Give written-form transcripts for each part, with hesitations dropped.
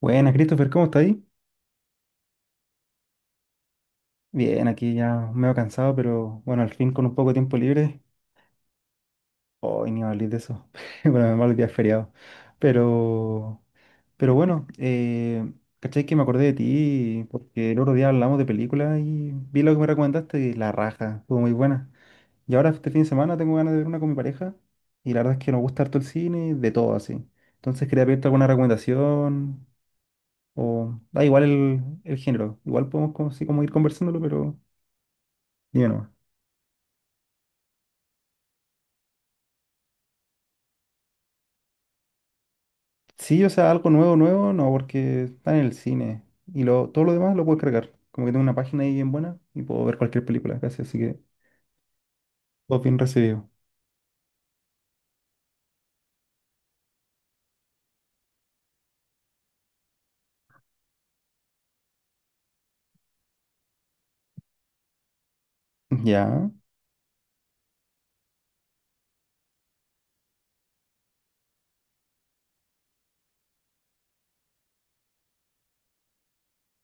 Buenas, Christopher, ¿cómo estás ahí? Bien, aquí ya medio cansado, pero bueno, al fin con un poco de tiempo libre. Hoy ni hablar de eso. Bueno, menos mal que es feriado. Pero, pero bueno, ¿cachai que me acordé de ti? Porque el otro día hablamos de películas y vi lo que me recomendaste y la raja, estuvo muy buena. Y ahora este fin de semana tengo ganas de ver una con mi pareja y la verdad es que nos gusta harto el cine, de todo así. Entonces quería pedirte alguna recomendación o da igual el género. Igual podemos como, así como ir conversándolo, pero... Dime nomás. Sí, o sea, algo nuevo, nuevo, no, porque está en el cine. Y todo lo demás lo puedo cargar. Como que tengo una página ahí bien buena y puedo ver cualquier película casi, así que todo bien recibido. Ya,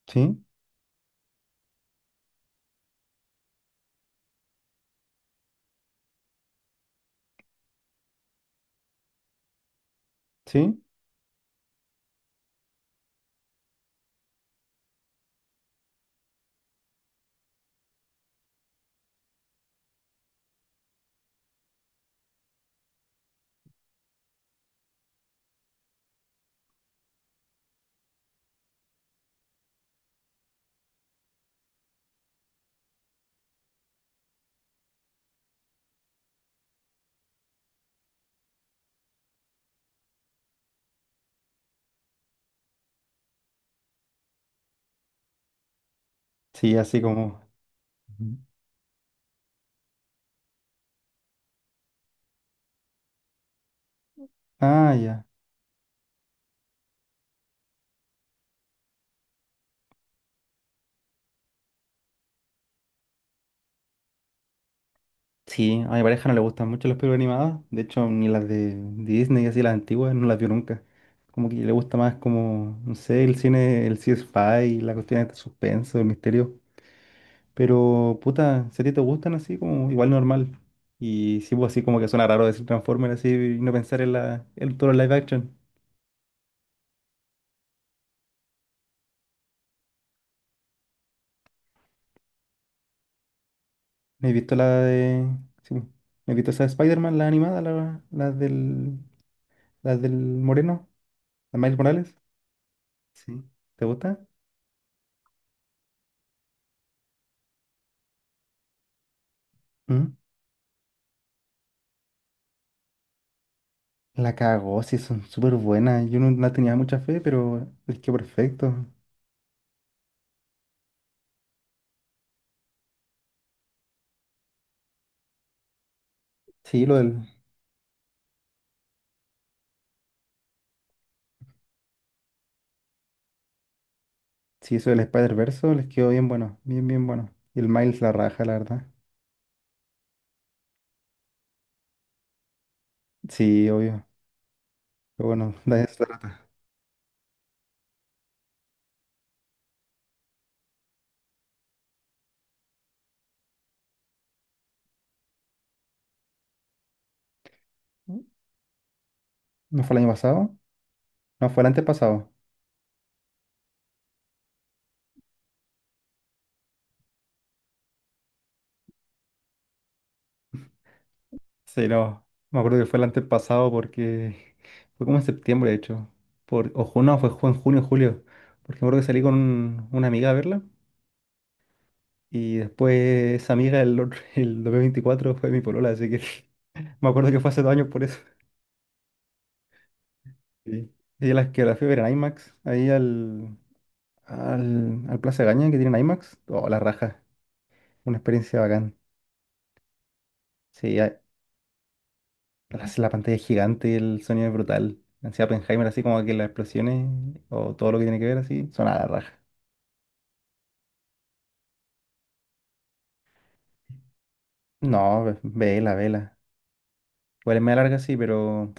sí, sí, sí, así como. Ujú. Ah, ya. Sí, a mi pareja no le gustan mucho las películas animadas. De hecho, ni las de Disney, así las antiguas, no las vio nunca. Como que le gusta más como, no sé, el cine, el sci-fi, la cuestión de suspenso, el misterio. Pero, puta, si a ti te gustan así, como igual normal. Y sí, pues así como que suena raro decir Transformers así y no pensar en todo el live action. ¿Me he visto la de. Sí, pues, ¿me he visto esa de Spider-Man, la animada, la del. La del Moreno, la Miles Morales? Sí. ¿Te gusta? ¿Mm? La cagó, sí, son súper buenas. Yo no, la tenía mucha fe, pero les quedó perfecto. Sí, lo del. Sí, eso del Spider-Verse les quedó bien bueno, bien bueno. Y el Miles la raja, la verdad. Sí, obvio. Pero bueno, da eso. ¿No fue el año pasado? No, fue el antepasado. Sí, no. Me acuerdo que fue el antepasado porque fue como en septiembre, de hecho. Por... no, en junio, julio. Porque me acuerdo que salí con una amiga a verla. Y después esa amiga, el 2024, fue mi polola. Así que me acuerdo que fue hace 2 años por eso. Sí. Y las que la fui a ver en IMAX, ahí al Plaza Gaña que tienen IMAX. Oh, la raja. Una experiencia bacán. Sí, hace la pantalla es gigante y el sonido es brutal. Así Oppenheimer, así como que las explosiones o todo lo que tiene que ver así, son a la raja. No, vela, vela. Igual es media larga, sí, pero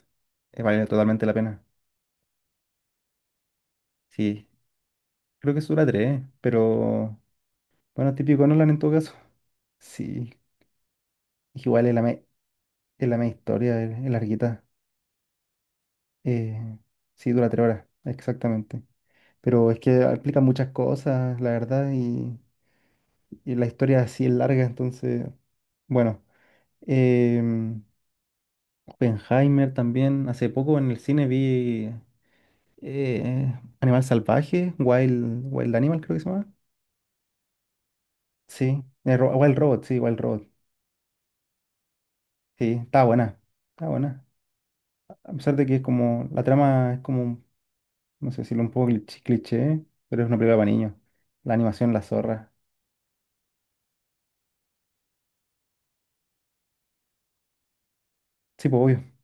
vale totalmente la pena. Sí, creo que es dura tres, pero bueno, típico Nolan en todo caso. Sí, igual es la, me- es la media historia, es larguita. Eh, sí, dura 3 horas, exactamente. Pero es que aplica muchas cosas, la verdad, y la historia así es larga, entonces, bueno. Em, Oppenheimer también. Hace poco en el cine vi Animal Salvaje, Wild, Wild Animal creo que se llama. Sí, Wild Robot, sí, Wild Robot. Sí, está buena, está buena. A pesar de que es como, la trama es como, no sé decirlo, un poco cliché, cliché, pero es una película para niños. La animación, la zorra. Sí, pues obvio.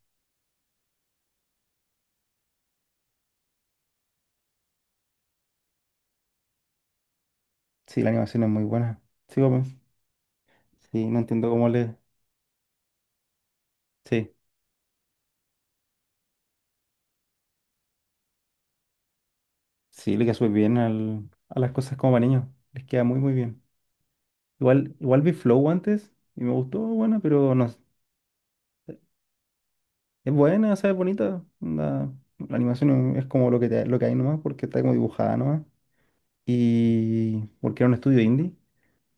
Sí, la animación es muy buena. Sí, pues, pues, sí, no entiendo cómo le... Sí, sí, le queda súper bien a las cosas como para niños. Les queda muy, muy bien. Igual, igual vi Flow antes y me gustó, buena, pero no s- es buena, ¿sabes? Bonita. Onda, la animación es como lo que, lo que hay nomás, porque está como dibujada nomás. Y porque era un estudio indie,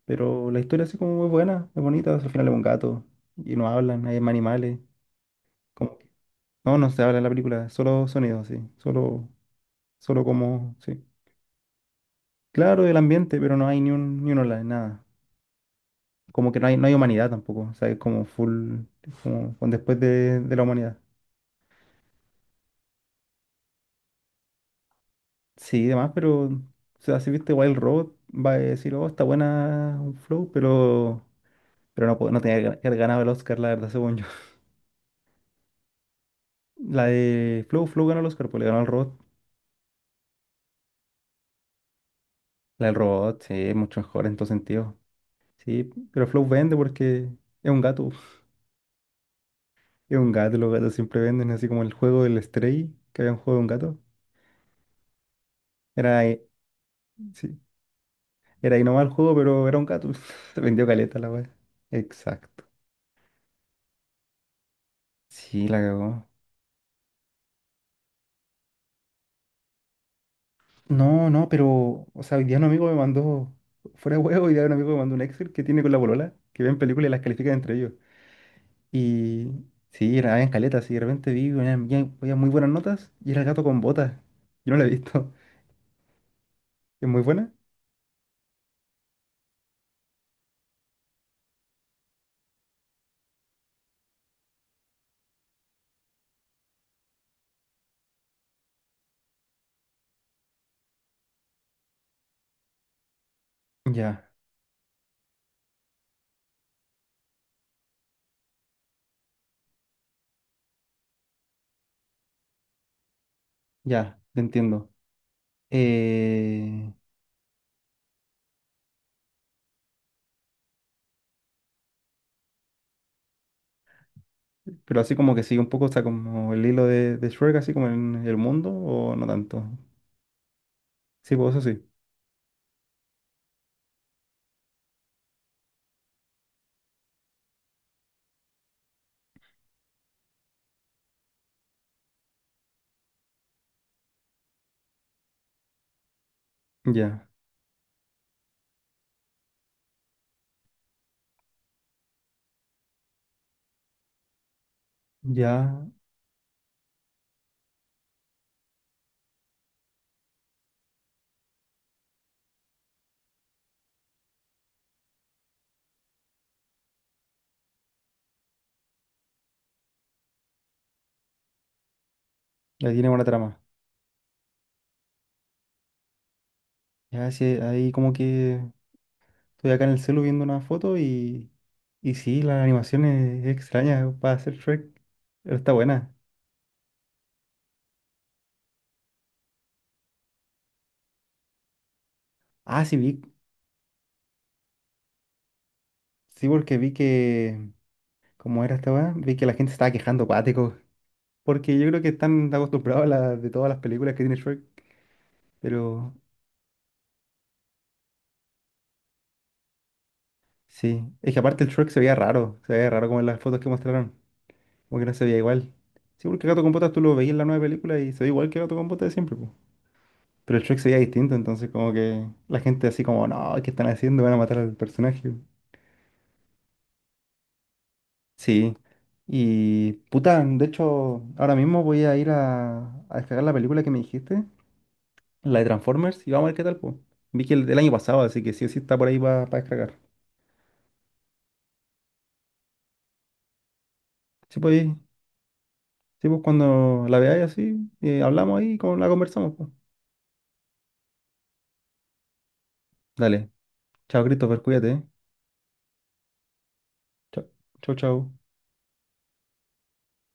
pero la historia así como muy buena, es bonita. Al final es un gato y no hablan, hay más animales. Como que, no, no se habla en la película, solo sonidos, sí. Solo como, sí. Claro, el ambiente, pero no hay ni un hola, nada. Como que no hay humanidad tampoco, o sea, es como full, como con después de la humanidad. Sí, y demás, pero, o sea, si viste Wild Road, va a decir, oh, está buena un Flow, pero, no tenía que que haber ganado el Oscar, la verdad, según yo. La de Flow, Flow ganó el Oscar, pues le ganó al Robot. La del Robot, sí, es mucho mejor en todo sentido. Sí, pero Flow vende porque es un gato. Es un gato, los gatos siempre venden, así como el juego del Stray, que había un juego de un gato. Era ahí, sí, era ahí nomás el juego, pero era un gato. Se vendió caleta la wea. Exacto. Sí, la cagó. No, no, pero, o sea, hoy día un amigo me mandó, fuera de huevo, hoy día un amigo me mandó un Excel que tiene con la polola, que ven películas y las califican entre ellos. Y sí, era en caleta, sí, de repente vi, había muy buenas notas y era el gato con botas. Yo no la he visto. ¿Es muy buena? Ya, ya, te entiendo. Eh, pero así como que sigue un poco, o sea, como el hilo de Shrek, así como en el mundo, o no tanto. Sí, pues eso sí. Ya, ya, ya tiene buena trama. Ya, sí, ahí como que. Estoy acá en el celu viendo una foto y sí, la animación es extraña para hacer Shrek, pero está buena. Ah, sí, vi, sí, porque ¿como era esta weá? Vi que la gente estaba quejando cuático, porque yo creo que están acostumbrados a la, de todas las películas que tiene Shrek, pero sí, es que aparte el Shrek se veía raro como en las fotos que mostraron, como que no se veía igual. Sí, porque Gato con Botas tú lo veías en la nueva película y se ve igual que Gato con Botas de siempre, po. Pero el Shrek se veía distinto, entonces como que la gente así como, no, ¿qué están haciendo? Van a matar al personaje. Sí, y puta, de hecho, ahora mismo voy a a descargar la película que me dijiste, la de Transformers, y vamos a ver qué tal, pues. Vi que el del año pasado, así que sí o sí está por ahí para descargar. Sí, pues cuando la veáis así, hablamos ahí y la conversamos, pues. Dale, chao, Christopher, cuídate. Chao, chao, chao.